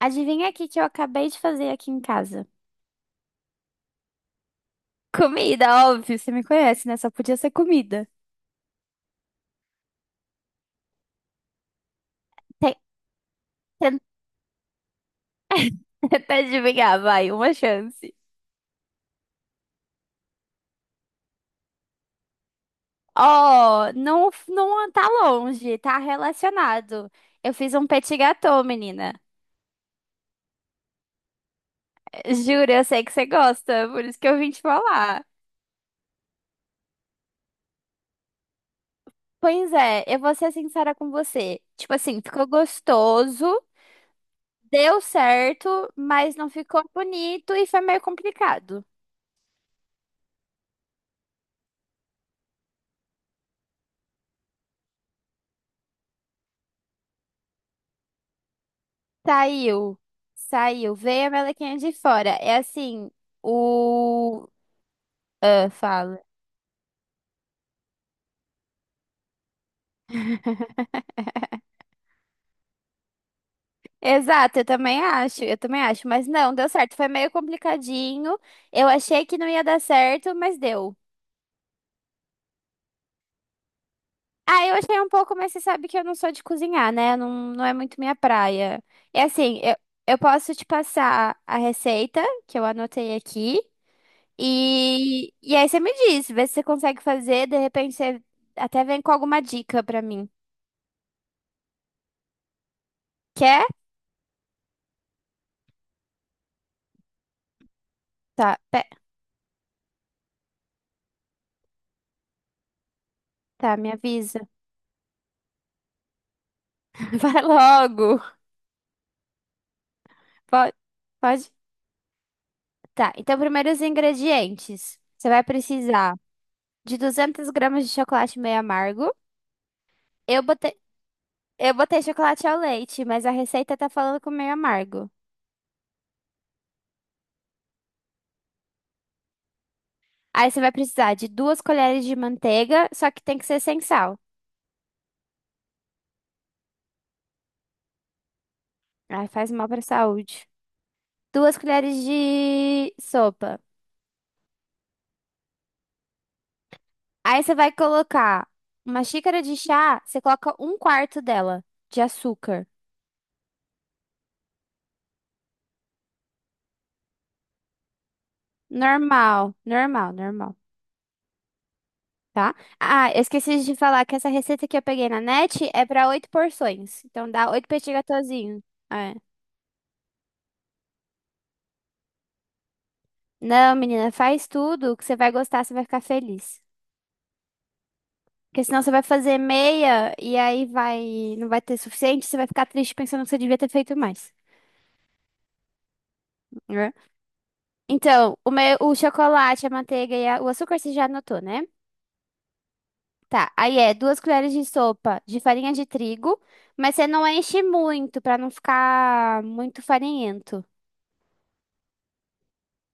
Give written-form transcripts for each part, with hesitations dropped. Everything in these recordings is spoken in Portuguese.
Adivinha aqui que eu acabei de fazer aqui em casa. Comida, óbvio, você me conhece, né? Só podia ser comida. Tem- tem- Tenta adivinhar, vai, uma chance. Oh, não, não tá longe, tá relacionado. Eu fiz um petit gâteau, menina. Juro, eu sei que você gosta, por isso que eu vim te falar. Pois é, eu vou ser sincera com você. Tipo assim, ficou gostoso, deu certo, mas não ficou bonito e foi meio complicado. Saiu, saiu, veio a melequinha de fora. É assim, o. Ah, fala. Exato, eu também acho, mas não, deu certo, foi meio complicadinho. Eu achei que não ia dar certo, mas deu. Ah, eu achei um pouco, mas você sabe que eu não sou de cozinhar, né? Não, não é muito minha praia. É assim, eu posso te passar a receita que eu anotei aqui. E aí você me diz, vê se você consegue fazer, de repente você até vem com alguma dica pra mim. Quer? Tá, pe- tá, me avisa. Vai logo. Pode, pode. Tá, então, primeiro os ingredientes. Você vai precisar de 200 gramas de chocolate meio amargo. Eu botei, eu botei chocolate ao leite, mas a receita tá falando com meio amargo. Aí você vai precisar de duas colheres de manteiga, só que tem que ser sem sal. Aí faz mal pra saúde. Duas colheres de sopa. Aí você vai colocar uma xícara de chá, você coloca um quarto dela de açúcar. Normal, normal, normal, tá? Ah, eu esqueci de falar que essa receita que eu peguei na net é pra oito porções. Então dá oito petit gâteauzinho. É. Não, menina, faz tudo que você vai gostar, você vai ficar feliz. Porque senão você vai fazer meia e aí vai, não vai ter suficiente, você vai ficar triste pensando que você devia ter feito mais. Né? Então, o meu, o chocolate, a manteiga e o açúcar você já anotou, né? Tá, aí é duas colheres de sopa de farinha de trigo, mas você não enche muito pra não ficar muito farinhento.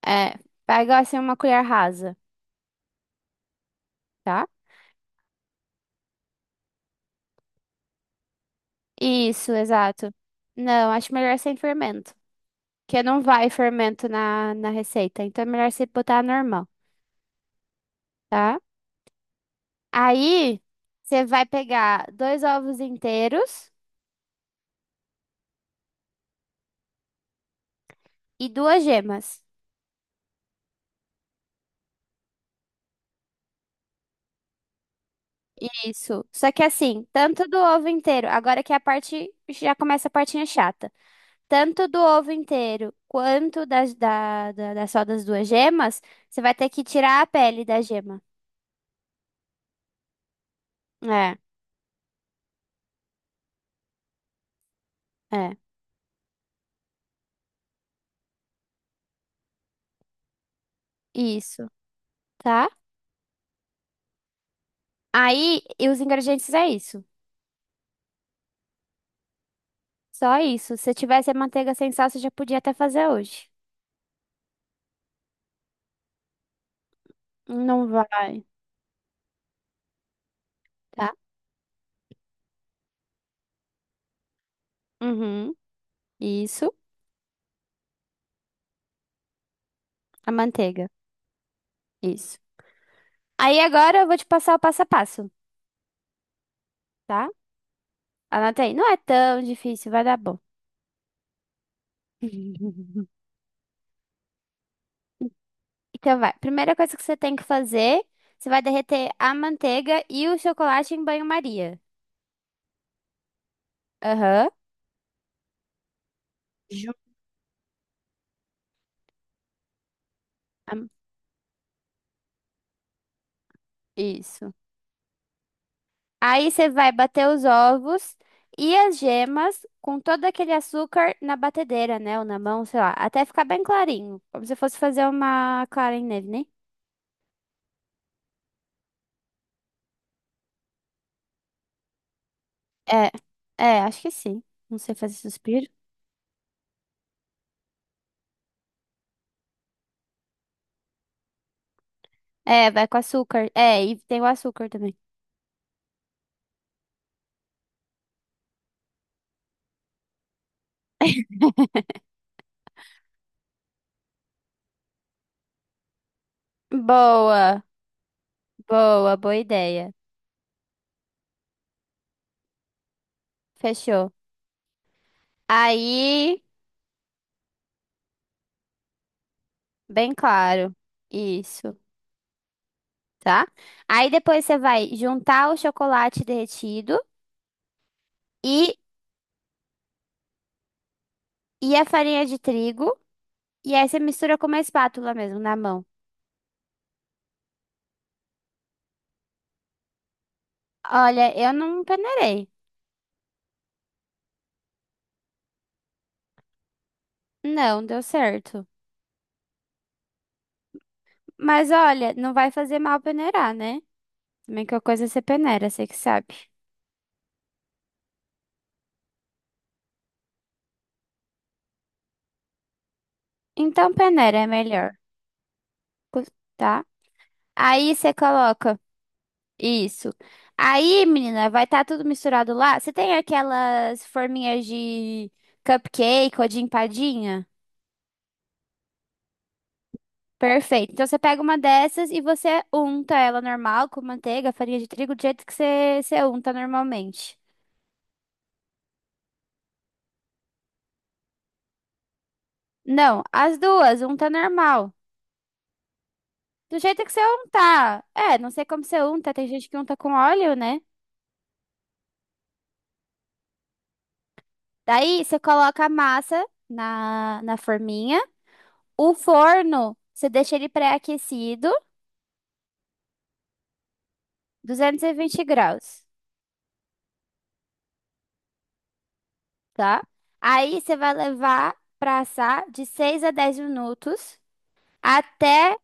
É, pega assim uma colher rasa, tá? Isso, exato. Não, acho melhor sem fermento, porque não vai fermento na receita, então é melhor você botar normal, tá? Aí você vai pegar dois ovos inteiros e duas gemas. Isso. Só que assim, tanto do ovo inteiro, agora que é a parte já começa a partinha chata. Tanto do ovo inteiro quanto das, da, da, da- só das duas gemas, você vai ter que tirar a pele da gema. É, é. Isso, tá? Aí, e os ingredientes é isso. Só isso. Se tivesse a manteiga sem sal, você já podia até fazer hoje. Não vai, tá? Uhum. Isso, a manteiga. Isso. Aí agora eu vou te passar o passo a passo, tá? Anota aí. Não é tão difícil, vai dar bom. Então vai. Primeira coisa que você tem que fazer, você vai derreter a manteiga e o chocolate em banho-maria. Aham. Ju- Am- Isso. Aí você vai bater os ovos e as gemas com todo aquele açúcar na batedeira, né? Ou na mão, sei lá, até ficar bem clarinho. Como se fosse fazer uma clara em neve, né? É, é, acho que sim. Não sei fazer suspiro. É, vai com açúcar. É, e tem o açúcar também. Boa, boa, boa ideia. Fechou. Aí. Bem claro. Isso, tá? Aí depois você vai juntar o chocolate derretido e, e a farinha de trigo. E aí você mistura com uma espátula mesmo, na mão. Olha, eu não peneirei. Não, deu certo. Mas olha, não vai fazer mal peneirar, né? Também que a coisa você peneira, você que sabe. Então peneira é melhor, cus- tá? Aí você coloca. Isso. Aí, menina, vai estar tudo misturado lá. Você tem aquelas forminhas de cupcake ou de empadinha? Perfeito. Então você pega uma dessas e você unta ela normal com manteiga, farinha de trigo, do jeito que você unta normalmente. Não, as duas, unta normal. Do jeito que você untar. É, não sei como você unta, tem gente que unta com óleo, né? Daí você coloca a massa na forminha. O forno, você deixa ele pré-aquecido. 220 graus, tá? Aí você vai levar pra assar de 6 a 10 minutos até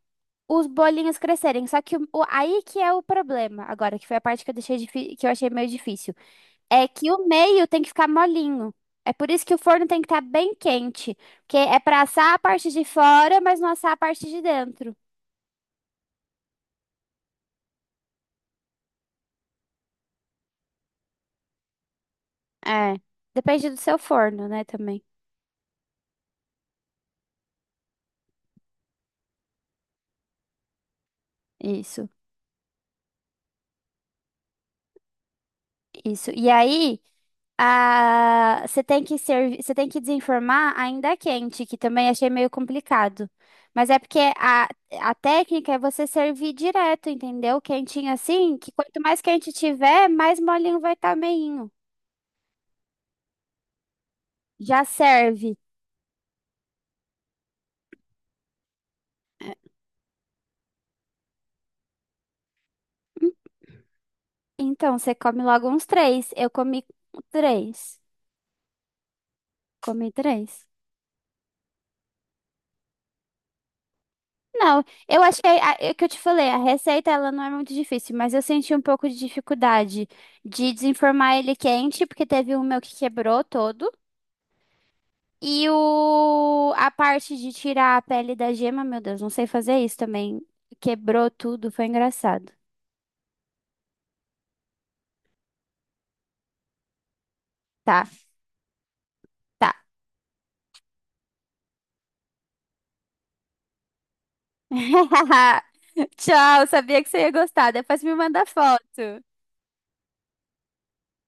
os bolinhos crescerem. Só que aí que é o problema, agora, que foi a parte que eu deixei que eu achei meio difícil, é que o meio tem que ficar molinho. É por isso que o forno tem que estar bem quente, porque é pra assar a parte de fora, mas não assar a parte de dentro. É, depende do seu forno, né, também. Isso, isso. E aí. Ah, você tem que servir, você tem que desenformar ainda quente, que também achei meio complicado. Mas é porque a técnica é você servir direto, entendeu? Quentinho assim, que quanto mais quente tiver, mais molinho vai estar meinho. Já serve. Então, você come logo uns três. Eu comi três. Comi três. Não, eu achei, é o que eu te falei, a receita ela não é muito difícil, mas eu senti um pouco de dificuldade de desenformar ele quente, porque teve um meu que quebrou todo. E a parte de tirar a pele da gema, meu Deus, não sei fazer isso também. Quebrou tudo, foi engraçado. Tá, tá. Tchau, sabia que você ia gostar. Depois me manda foto.